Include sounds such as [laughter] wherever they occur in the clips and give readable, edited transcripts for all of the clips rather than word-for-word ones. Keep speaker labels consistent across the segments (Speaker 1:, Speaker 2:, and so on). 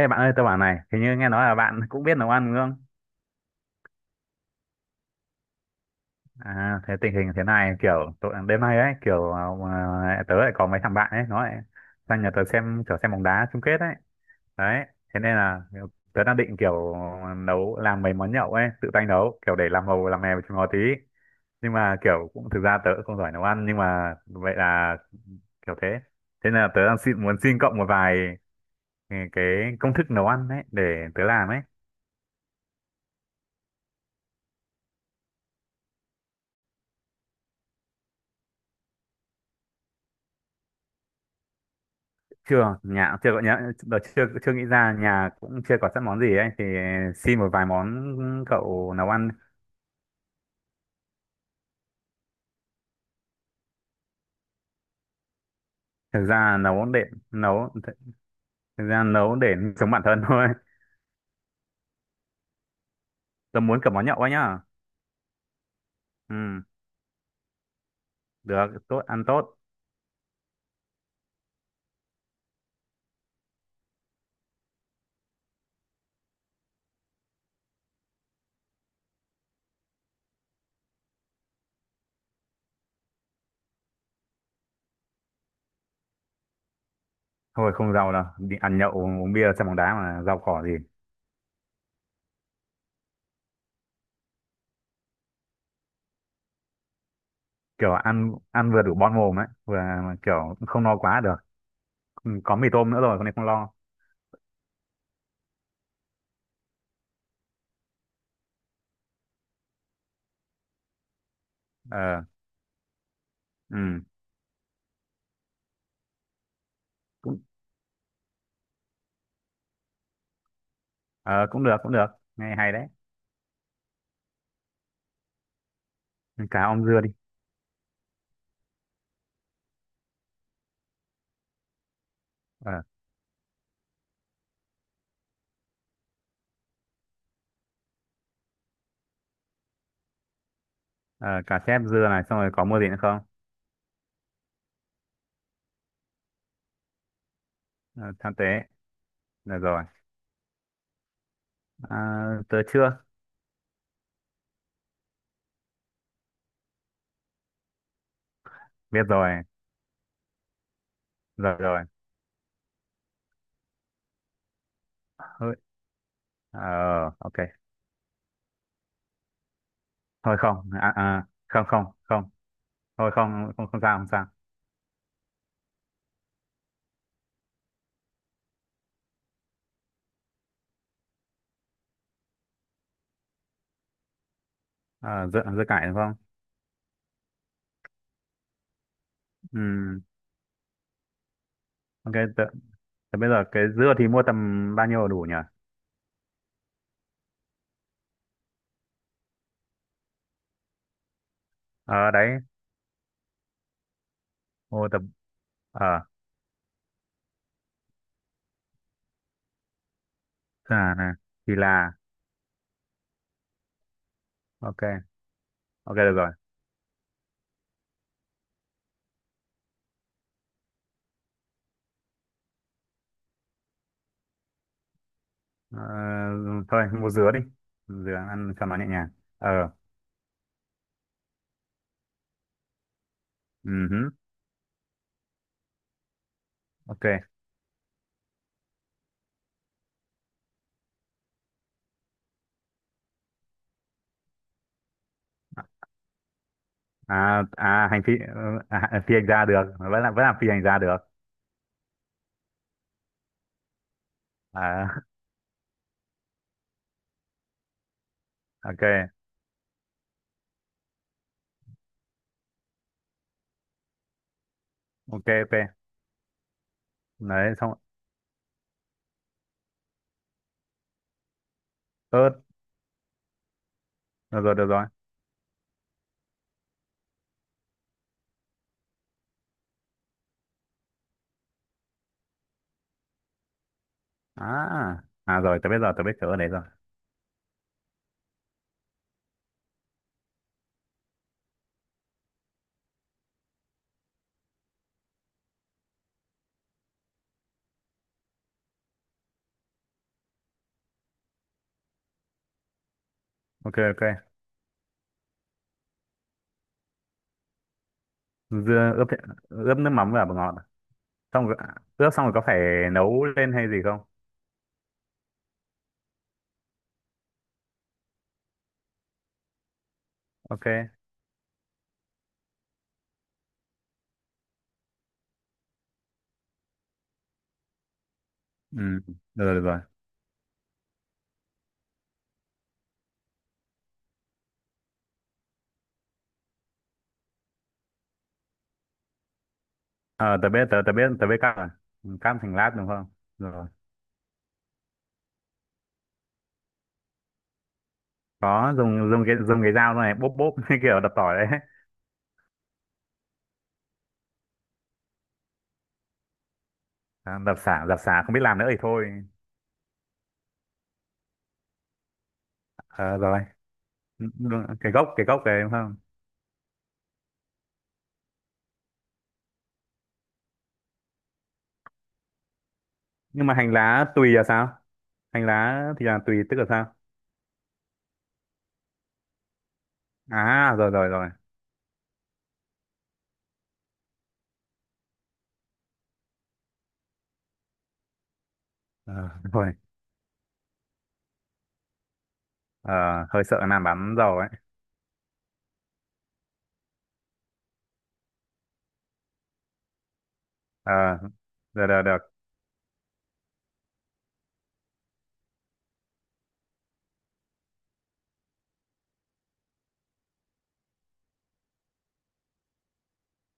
Speaker 1: Ê bạn ơi, tôi bảo này, hình như nghe nói là bạn cũng biết nấu ăn đúng không? À, thế tình hình thế này kiểu tội, đêm nay ấy kiểu à, tớ lại có mấy thằng bạn ấy nó lại sang nhà tớ xem bóng đá chung kết ấy. Đấy, thế nên là kiểu, tớ đang định kiểu nấu làm mấy món nhậu ấy, tự tay nấu kiểu để làm màu làm mè với chúng nó tí. Nhưng mà kiểu cũng thực ra tớ cũng không giỏi nấu ăn nhưng mà vậy là kiểu thế. Thế nên là tớ đang xin, muốn xin cộng một vài ừ, cái công thức nấu ăn ấy để tớ làm ấy. Chưa, nhà chưa có, nhớ đợt chưa chưa nghĩ ra, nhà cũng chưa có sẵn món gì ấy, thì xin một vài món cậu nấu ăn. Thực ra nấu để nấu, thực ra nấu để sống bản thân [laughs] thôi. Tôi muốn cả món nhậu ấy nhá. Ừ, được, tốt, ăn tốt. Thôi không giàu đâu, đi ăn nhậu uống bia xem bóng đá mà giàu cỏ gì. Kiểu ăn ăn vừa đủ bon mồm ấy, vừa kiểu không no quá được. Ừ, có mì tôm nữa rồi con này không lo. Ờ. Ừ, ờ, cũng được cũng được, nghe hay đấy. Cá om dưa đi. Ờ. Ờ, cà chép dưa này, xong rồi có mua gì nữa không? Ờ, tham tế, được rồi. À, tớ chưa biết. Rồi rồi rồi. Thôi, ờ, ok. Thôi không, à, à, không không không. Thôi không không không sao, không sao. Ờ, dưa dưa cải đúng không? Ừ, ok. Tớ, tớ bây giờ cái dưa thì mua tầm bao nhiêu là đủ nhỉ? Ờ đấy, mua tầm, ờ. À, này, thì là. Ok ok, được rồi. Ờ, thôi mua dứa đi, dứa ăn cho nó nhẹ nhàng. Ờ. Ừ, ok. À, à, hành phi, ờ. À, à, phi hành gia được, vẫn là phi hành gia được. À. [laughs] Ok. Ok ok. Đấy xong. Ớt, được rồi được rồi. À à rồi, tớ biết rồi, tớ biết chỗ ở đấy rồi. Ok ok. Dưa ướp, ướp nước mắm và bột ngọt. Xong rồi, ướp xong rồi có phải nấu lên hay gì không? Ok. Ừ, được rồi được rồi. Ờ, tớ biết cắt rồi. Ừ, cắt thành lát đúng không? Rồi. Có dùng dùng cái dao này bóp bóp [laughs] như kiểu đập tỏi đấy. À, đập xả không biết làm nữa thì thôi. Ờ rồi. Đúng, cái gốc, cái gốc đấy đúng không? Nhưng mà hành lá tùy là sao? Hành lá thì là tùy tức là sao? À rồi rồi rồi. Ờ, [laughs] rồi. Ờ, hơi sợ làm bắn dầu ấy. Ờ, được được được.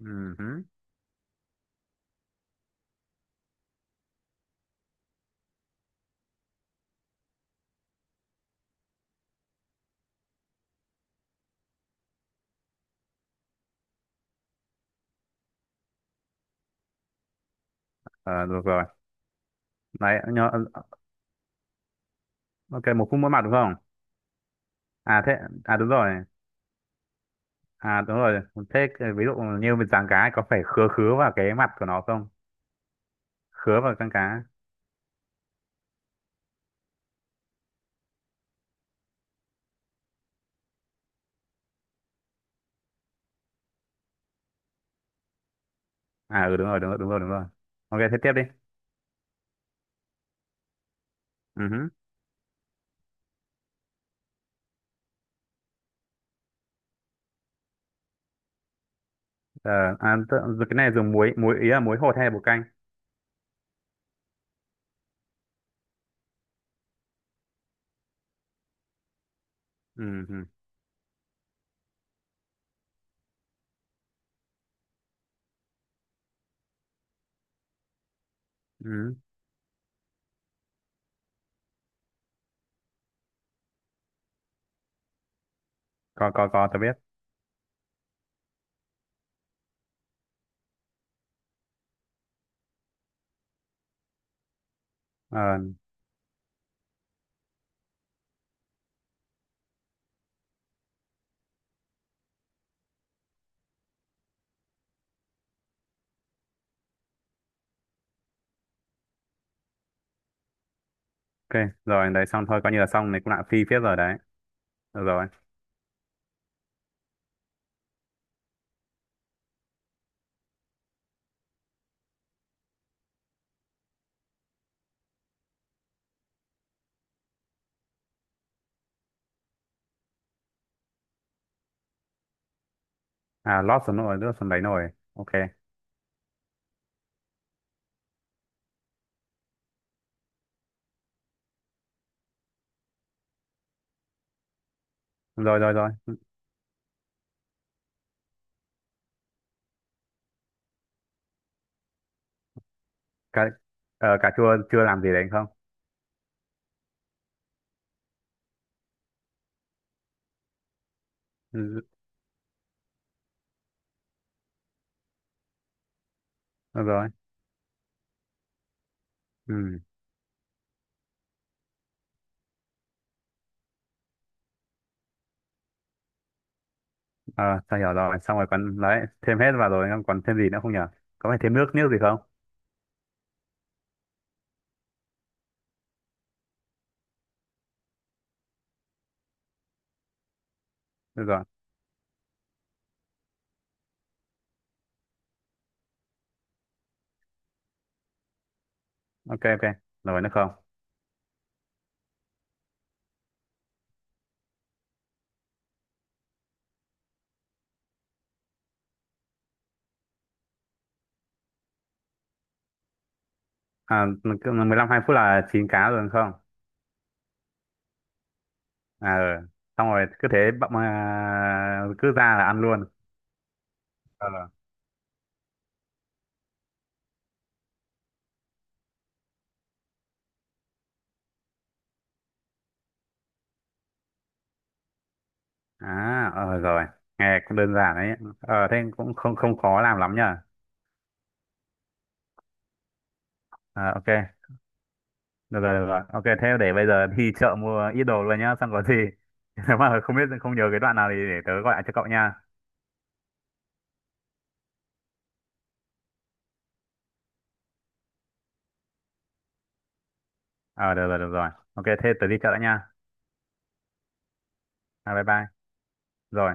Speaker 1: Ừ, hứ. Ờ, được rồi. Đấy nhớ. Ok, 1 phút mỗi mặt đúng không? À thế, à đúng rồi, à đúng rồi, thế ví dụ như mình giáng cá ấy, có phải khứa khứa vào cái mặt của nó không? Khứa vào con cá. À ừ, đúng rồi đúng rồi đúng rồi đúng rồi. Ok, thế tiếp đi. Ừ hứ. Ờ, à, cái này dùng muối, muối ý là muối hột hay là bột canh? Ừ. Ừ. Có, tớ biết. Ờ, ok, rồi đấy xong thôi, coi như là xong, này cũng lãng phí phết rồi đấy. Được rồi. À lót xuống nồi, lót xuống đấy nồi, ok. Rồi rồi rồi. Cả, ờ, cà chua chưa làm gì đấy không? Ừ. Được rồi. Ừ. Ờ, tao hiểu rồi, xong rồi còn đấy, thêm hết vào rồi, không còn thêm gì nữa không nhở? Có phải thêm nước, nước gì không? Được rồi. Ok ok. Rồi, nước không? À, cứ 15 2 phút là chín cá rồi đúng không? À ừ. Xong rồi cứ thế bậm, à, cứ ra là ăn luôn. Ờ. À, ờ rồi, nghe cũng đơn giản đấy. Ờ, thế cũng không không khó làm lắm nhờ. À, ok, được rồi, được rồi. Ok, thế để bây giờ đi chợ mua ít đồ luôn nhá, xong có gì. [laughs] Nếu mà không biết, không nhớ cái đoạn nào thì để tớ gọi lại cho cậu nha. Ờ, được rồi, được rồi. Ok, thế tớ đi chợ đã nha. À, bye bye. Rồi.